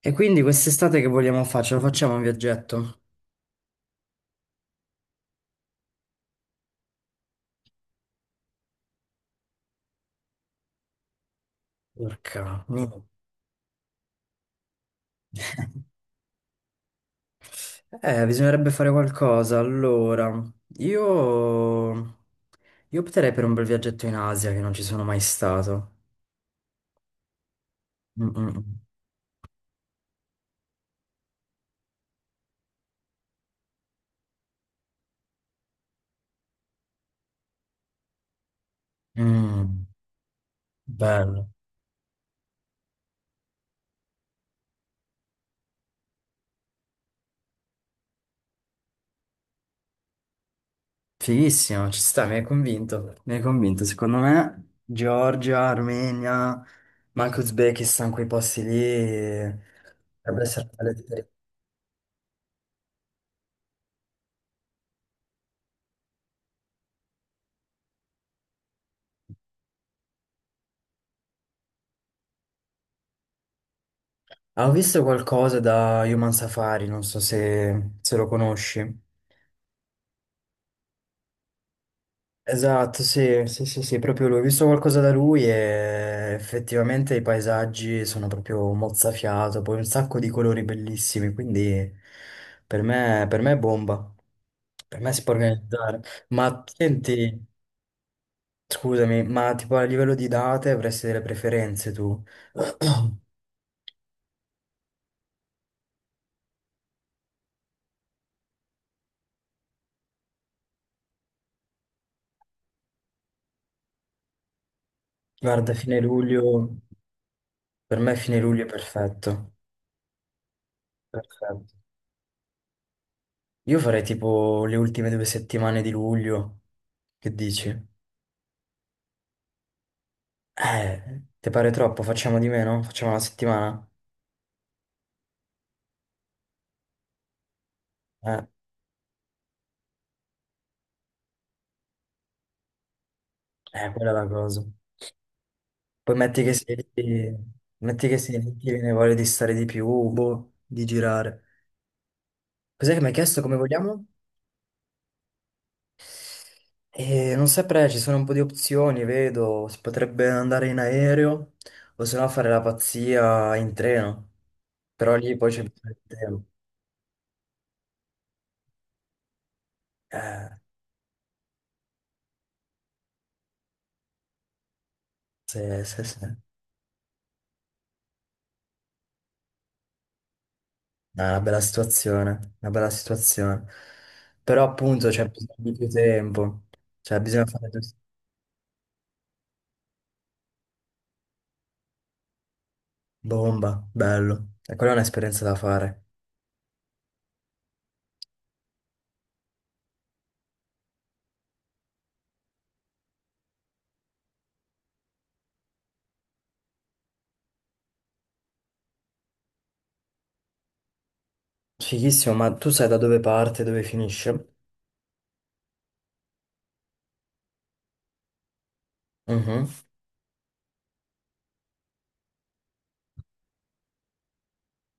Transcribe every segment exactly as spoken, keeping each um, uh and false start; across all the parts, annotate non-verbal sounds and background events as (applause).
E quindi quest'estate che vogliamo fare? Ce lo facciamo un viaggetto? Porca, no. Eh, bisognerebbe fare qualcosa. Allora, io... io opterei per un bel viaggetto in Asia che non ci sono mai stato. Mm, mm, mm. Mm, bello. Fighissimo, ci sta, mi hai convinto. Mi hai convinto. Secondo me, Georgia, Armenia, ma anche Uzbekistan, quei posti lì, eh, dovrebbe essere. Ah, ho visto qualcosa da Human Safari, non so se, se lo conosci. Esatto, sì, sì, sì, sì, proprio lui. Ho visto qualcosa da lui e effettivamente i paesaggi sono proprio mozzafiato, poi un sacco di colori bellissimi, quindi per me, per me è bomba. Per me si può organizzare. Ma senti, scusami, ma tipo a livello di date avresti delle preferenze tu? (clears throat) Guarda, fine luglio, per me fine luglio è perfetto. Perfetto. Io farei tipo le ultime due settimane di luglio. Che dici? Eh, ti pare troppo? Facciamo di meno? Facciamo una settimana? Eh, eh, quella è la cosa. Poi metti che sei lì, metti che sei lì, ti viene voglia di stare di più, boh, di girare. Cos'è che mi hai chiesto come vogliamo? Eh, non saprei, ci sono un po' di opzioni, vedo, si potrebbe andare in aereo o se no fare la pazzia in treno, però lì poi c'è bisogno di tempo. Eh, sì, sì, sì. È una bella situazione, una bella situazione. Però appunto c'è bisogno di più tempo, cioè bisogna fare due- bomba, bello. E quella è un'esperienza da fare. Fighissimo, ma tu sai da dove parte, dove finisce? Mhm.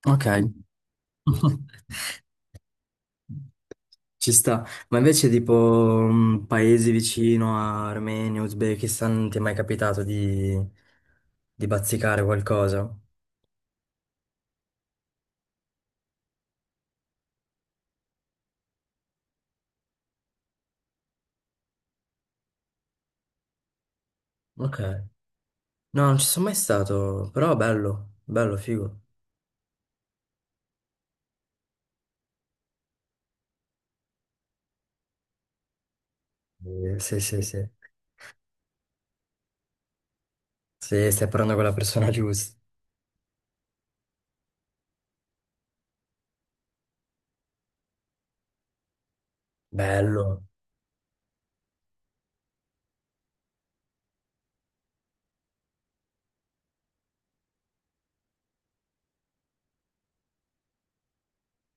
Ok. (laughs) Ci sta. Ma invece tipo mm, paesi vicino a Armenia, Uzbekistan, non ti è mai capitato di, di bazzicare qualcosa? Ok. No, non ci sono mai stato, però bello, bello, figo. Eh, Sì, sì, sì. Sì, stai parlando con la persona (laughs) giusta. Bello,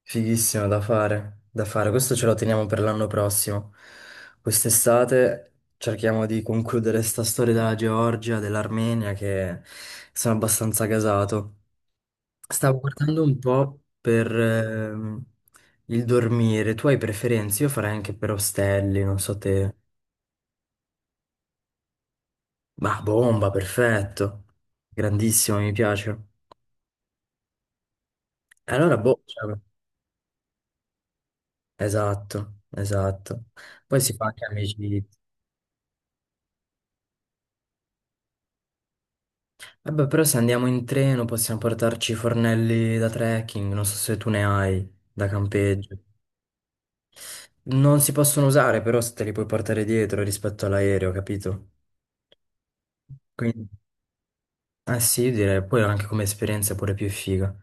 fighissimo da fare, da fare. Questo ce lo teniamo per l'anno prossimo. Quest'estate cerchiamo di concludere sta storia della Georgia, dell'Armenia, che sono abbastanza gasato. Stavo guardando un po' per ehm, il dormire. Tu hai preferenze? Io farei anche per ostelli, non so te. Ma bomba, perfetto. Grandissimo, mi piace. Allora, boh. Cioè, esatto, esatto. Poi si fa anche amicizia. Vabbè, però se andiamo in treno possiamo portarci i fornelli da trekking, non so se tu ne hai, da campeggio. Non si possono usare, però se te li puoi portare dietro rispetto all'aereo, capito? Quindi, eh sì, direi, poi anche come esperienza è pure più figa.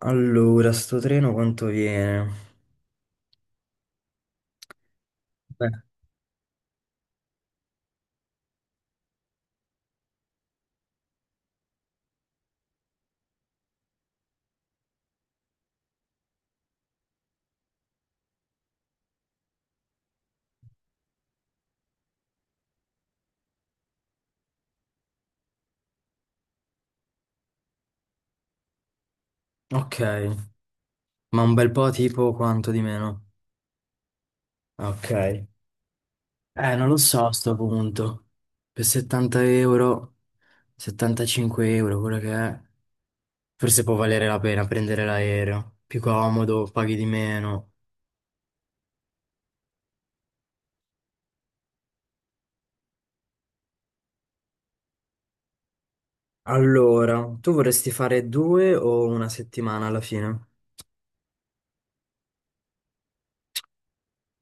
Allora, sto treno quanto viene? Beh, ok, ma un bel po' tipo quanto di meno? Ok. Eh, non lo so a sto punto. Per settanta euro, settantacinque euro, quello che è. Forse può valere la pena prendere l'aereo. Più comodo, paghi di meno. Allora, tu vorresti fare due o una settimana alla fine?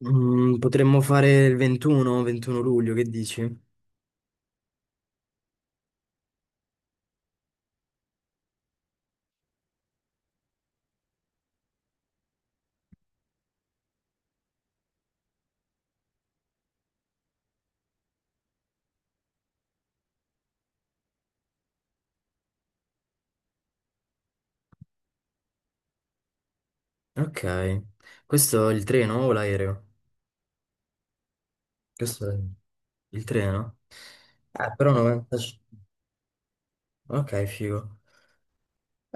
Mm, potremmo fare il ventuno, ventuno luglio, che dici? Ok, questo è il treno o l'aereo? Questo è il treno? Eh, però no, novantacinque. Ok, figo.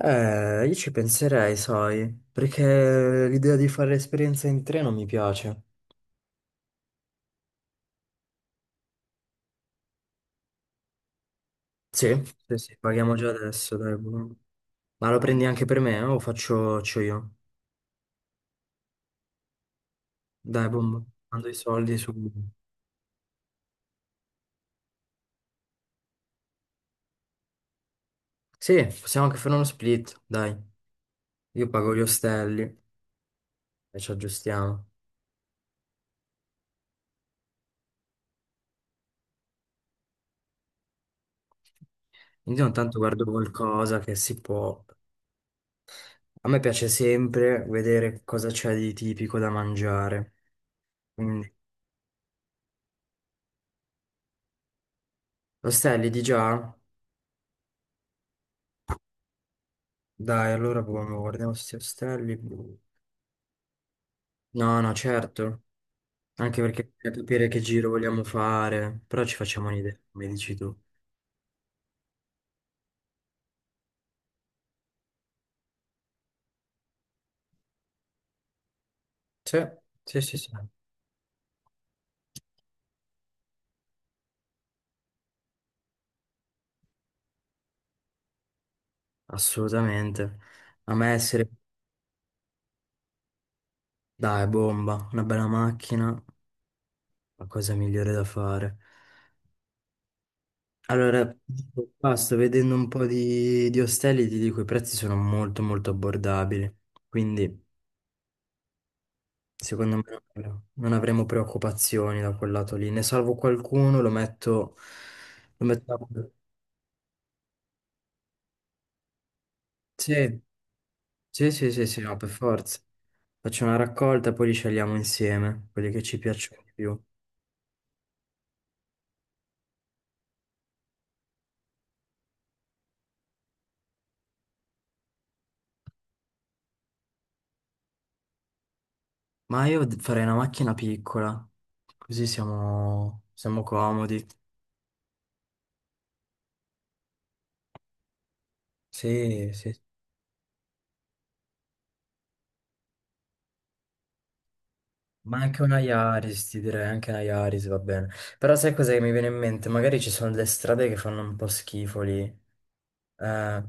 Eh, io ci penserei, sai, perché l'idea di fare esperienza in treno mi piace. Sì, sì, sì, paghiamo già adesso, dai, boom. Ma lo prendi anche per me eh, o faccio, faccio io? Dai, boom, mando i soldi su. Sì, possiamo anche fare uno split, dai. Io pago gli ostelli e ci aggiustiamo. Quindi ogni tanto guardo qualcosa che si può. A me piace sempre vedere cosa c'è di tipico da mangiare. Quindi, ostelli di già? Dai, allora proviamo, guardiamo questi ostelli blu. No, no, certo. Anche perché bisogna capire che giro vogliamo fare. Però ci facciamo un'idea, come dici tu. Sì, sì, sì, sì. Assolutamente. A me essere, dai, bomba, una bella macchina, la cosa migliore da fare. Allora, qua sto vedendo un po' di, di ostelli, ti dico, i prezzi sono molto molto abbordabili. Quindi, secondo me non avrò- non avremo preoccupazioni da quel lato lì. Ne salvo qualcuno, lo metto... Lo metto... a- Sì, sì, sì, sì, sì, no, per forza. Faccio una raccolta e poi li scegliamo insieme, quelli che ci piacciono di più. Ma io d- farei una macchina piccola, così siamo, siamo comodi. Sì, sì. Ma anche una Yaris, ti direi, anche una Yaris va bene. Però sai cos'è che mi viene in mente? Magari ci sono delle strade che fanno un po' schifo lì. Eh,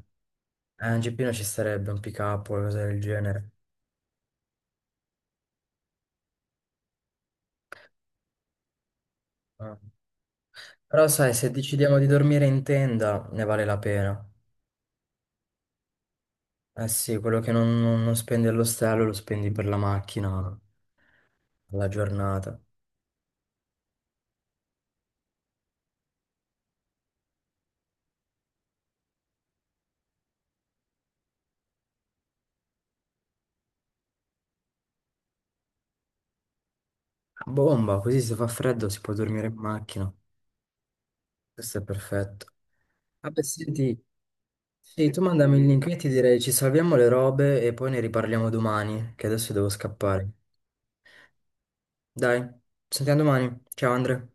Eh, un G P non ci sarebbe un pick up o cose del genere. Ah. Però sai, se decidiamo di dormire in tenda, ne vale la pena. Eh sì, quello che non, non- non spendi all'ostello lo spendi per la macchina, alla giornata. Bomba, così se fa freddo si può dormire in macchina. Questo è perfetto. Ah beh, senti, sì, tu mandami il link, io ti direi ci salviamo le robe e poi ne riparliamo domani, che adesso devo scappare. Dai, ci sentiamo domani. Ciao Andre.